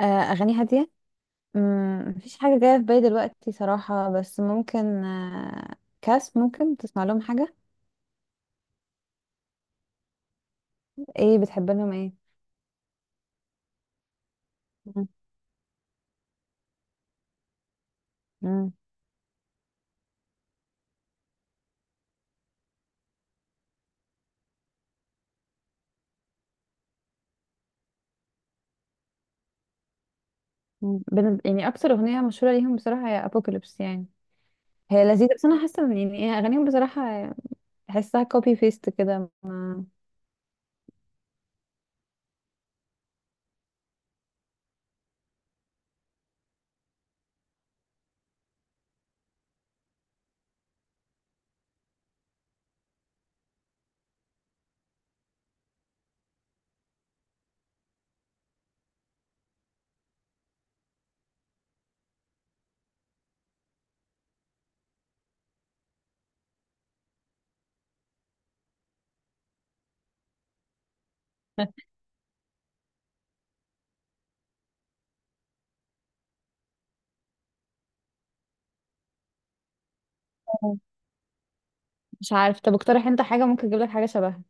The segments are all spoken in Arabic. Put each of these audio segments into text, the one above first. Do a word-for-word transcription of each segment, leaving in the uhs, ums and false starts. آه، أغاني هادية. مم، مفيش حاجة جاية في بالي دلوقتي صراحة، بس ممكن آه، كاس ممكن تسمع لهم حاجة. ايه بتحب لهم ايه؟ مم. مم. مم. بن- يعني أكتر أغنية مشهورة ليهم بصراحة هي أبوكاليبس يعني. هي لذيذة، بس أنا حاسة إن يعني إيه، أغانيهم بصراحة تحسها كوبي بيست كده ما- مش عارف، طب اقترح أنت حاجة ممكن أجيب لك حاجة شبهها.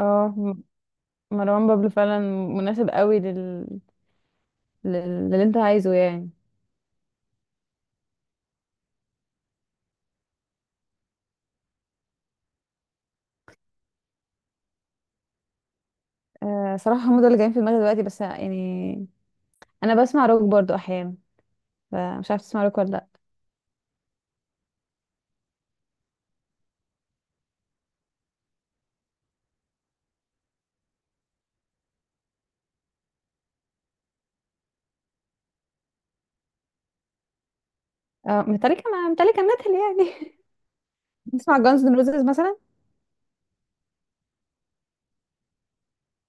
اه م- مروان بابلو فعلا مناسب قوي لل... لل... للي انت عايزه يعني. أه صراحة هم دول اللي جايين في دماغي دلوقتي، بس يعني انا بسمع روك برضو احيانا، فمش عارفه تسمع روك ولا لا. اه متلكه، مع متلكه ميتال يعني. بتسمع جانز ان روزز مثلا؟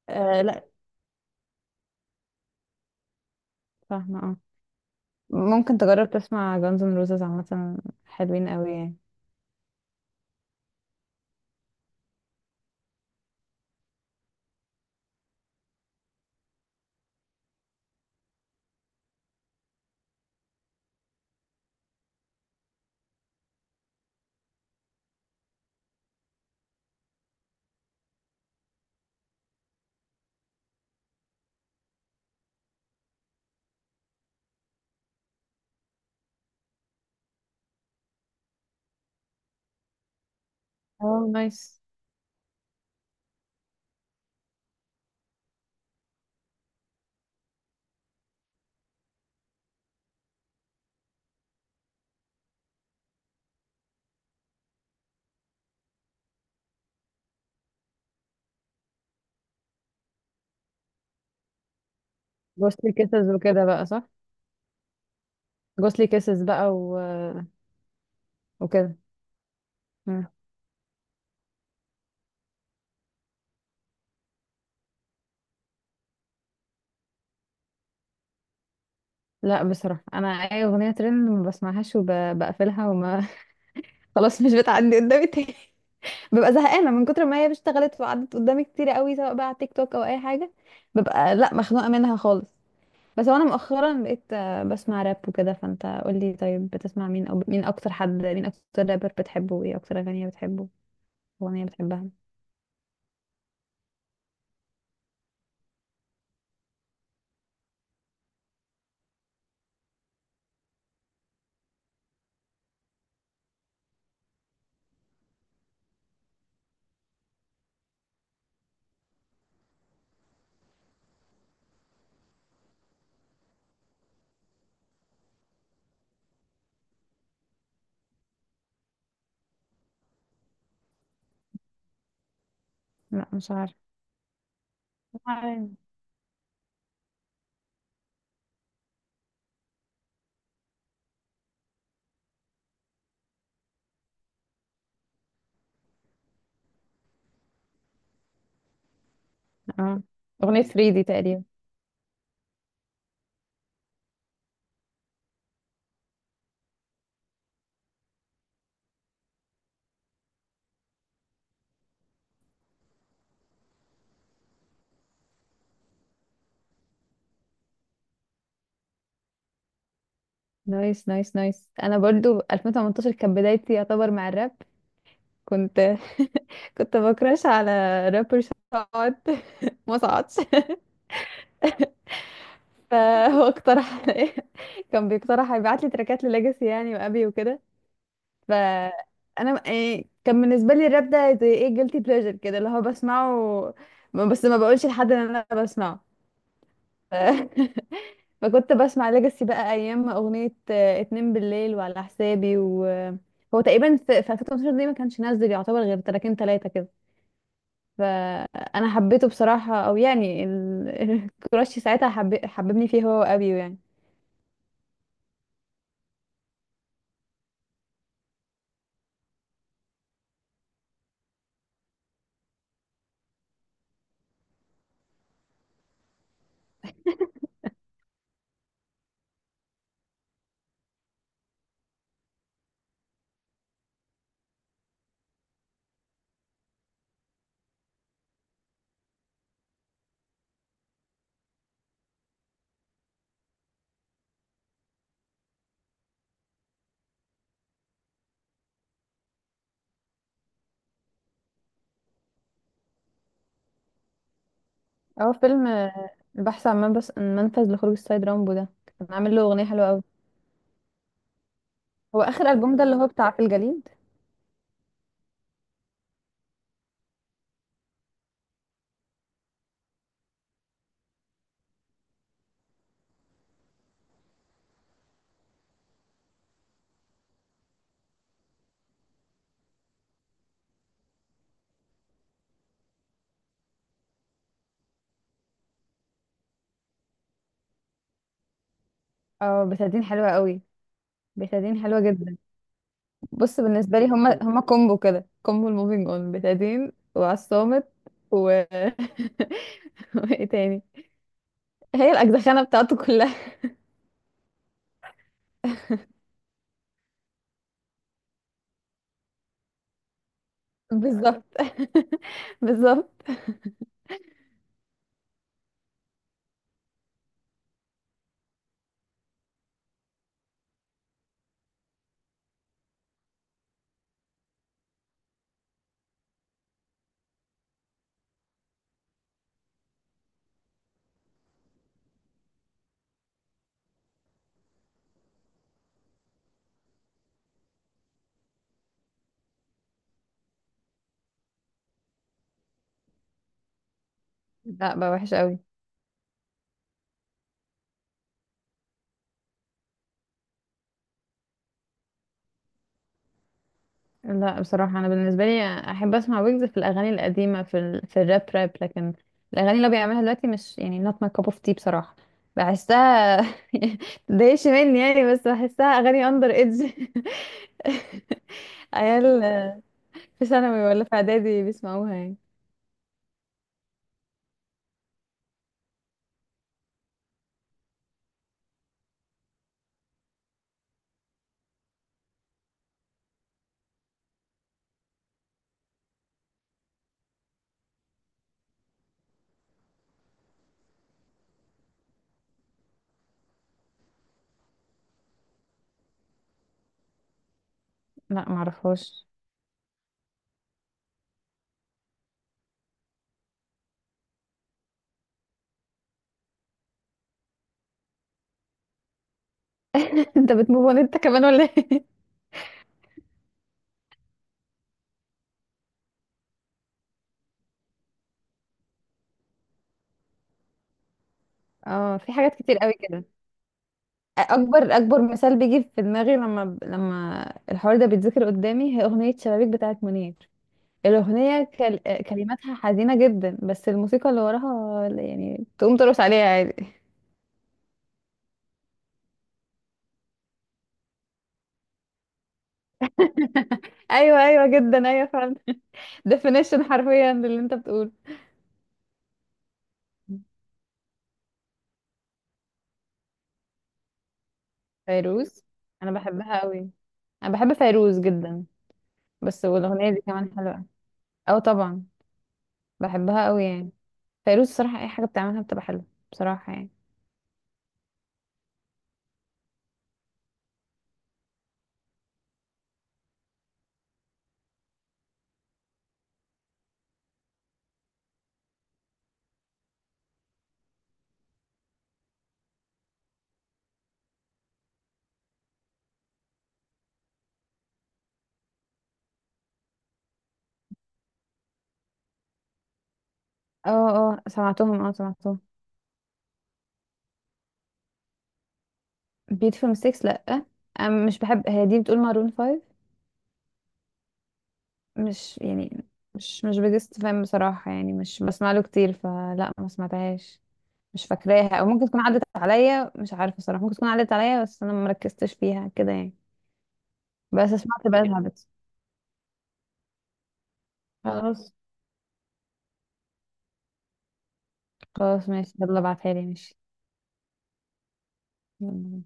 آه لا، فاهمه اه. ممكن تجرب تسمع جانز ان روزز، عامه حلوين قوي يعني. اه نايس. جوستلي كيسز وكده بقى، صح؟ جوستلي كيسز بقى و... وكده. مم. لا بصراحه انا اي اغنيه ترند ما بسمعهاش وبقفلها. خلاص مش بتعدي قدامي تاني. ببقى زهقانه من كتر ما هي اشتغلت وقعدت قدامي كتير قوي، سواء بقى على تيك توك او اي حاجه. ببقى لا مخنوقه منها خالص. بس وانا مؤخرا بقيت آه، بسمع راب وكده، فانت قول لي طيب بتسمع مين او مين، اكتر حد مين اكتر رابر بتحبه وايه اكتر اغنيه بتحبه اغنيه بتحبها؟ لا مش عارفه. عارف. اه اغنيه تلاتة دي تقريبا. نايس نايس نايس. انا برضو ألفين وتمنتاشر كانت بدايتي يعتبر مع الراب. كنت كنت بكراش على رابر شعبي ما صعدش. فهو اقترح كان بيقترح يبعت لي تراكات لليجاسي يعني وابي وكده. فانا إيه، كان بالنسبه لي الراب ده زي ايه، جيلتي بليجر كده اللي هو بسمعه بس ما بقولش لحد ان انا بسمعه. ف... فكنت بسمع ليجاسي بقى ايام اغنيه آه، اتنين بالليل وعلى حسابي، وهو تقريبا في في ألفين واتناشر دي ما كانش نازل يعتبر غير تراكين تلاتة كده. فانا حبيته بصراحه، او يعني ال... الكراش ساعتها حب... حببني فيه هو وابيو يعني. هو فيلم آه، البحث عن منبس- منفذ لخروج السيد رامبو ده، كان عامل له اغنيه حلوه قوي. هو اخر البوم ده اللي هو بتاع في الجليد. اه بتادين حلوه قوي. بتادين حلوه جدا. بص بالنسبه لي هما هما كومبو كده، كومبو الموفينج اون، بتادين وعصامت. و وايه تاني. هي الاجزخانه بتاعته كلها. بالظبط. بالظبط. لا بقى وحش قوي. لا بصراحة أنا بالنسبة لي أحب أسمع ويجز في الأغاني القديمة في ال... في الراب راب، لكن الأغاني اللي هو بيعملها دلوقتي مش يعني not my cup of tea بصراحة. بحسها متضايقش مني يعني، بس بحسها أغاني under age. عيال في ثانوي ولا في إعدادي بيسمعوها يعني. لا معرفهاش. أنت بتموفون أنت كمان ولا إيه؟ اه في حاجات كتير قوي كده. اكبر اكبر مثال بيجي في دماغي، لما لما الحوار ده بيتذكر قدامي، هي اغنيه شبابيك بتاعت منير. الأغنية كل... كلماتها حزينة جدا، بس الموسيقى اللي وراها يعني تقوم ترقص عليها عادي. أيوة أيوة جدا أيوة فعلا. definition حرفيا للي أنت بتقوله. فيروز أنا بحبها قوي. أنا بحب فيروز جدا. بس والأغنية دي كمان حلوة. أه طبعا. بحبها قوي يعني. فيروز الصراحة أي حاجة بتعملها بتبقى حلوة بصراحة يعني. اه اه سمعتهم اه سمعتهم. beautiful mistakes لأ. أنا مش بحب، هي دي بتقول maroon فايف؟ مش يعني، مش مش بجست فاهم بصراحة يعني، مش بسمع له كتير، فلا ما سمعتهاش. مش فاكراها او ممكن تكون عدت عليا، مش عارفة صراحة، ممكن تكون عدت عليا بس انا مركزتش فيها كده يعني. بس سمعت بقى هابت. خلاص. خلاص ماشي يلا ابعتها لي ماشي. يلا.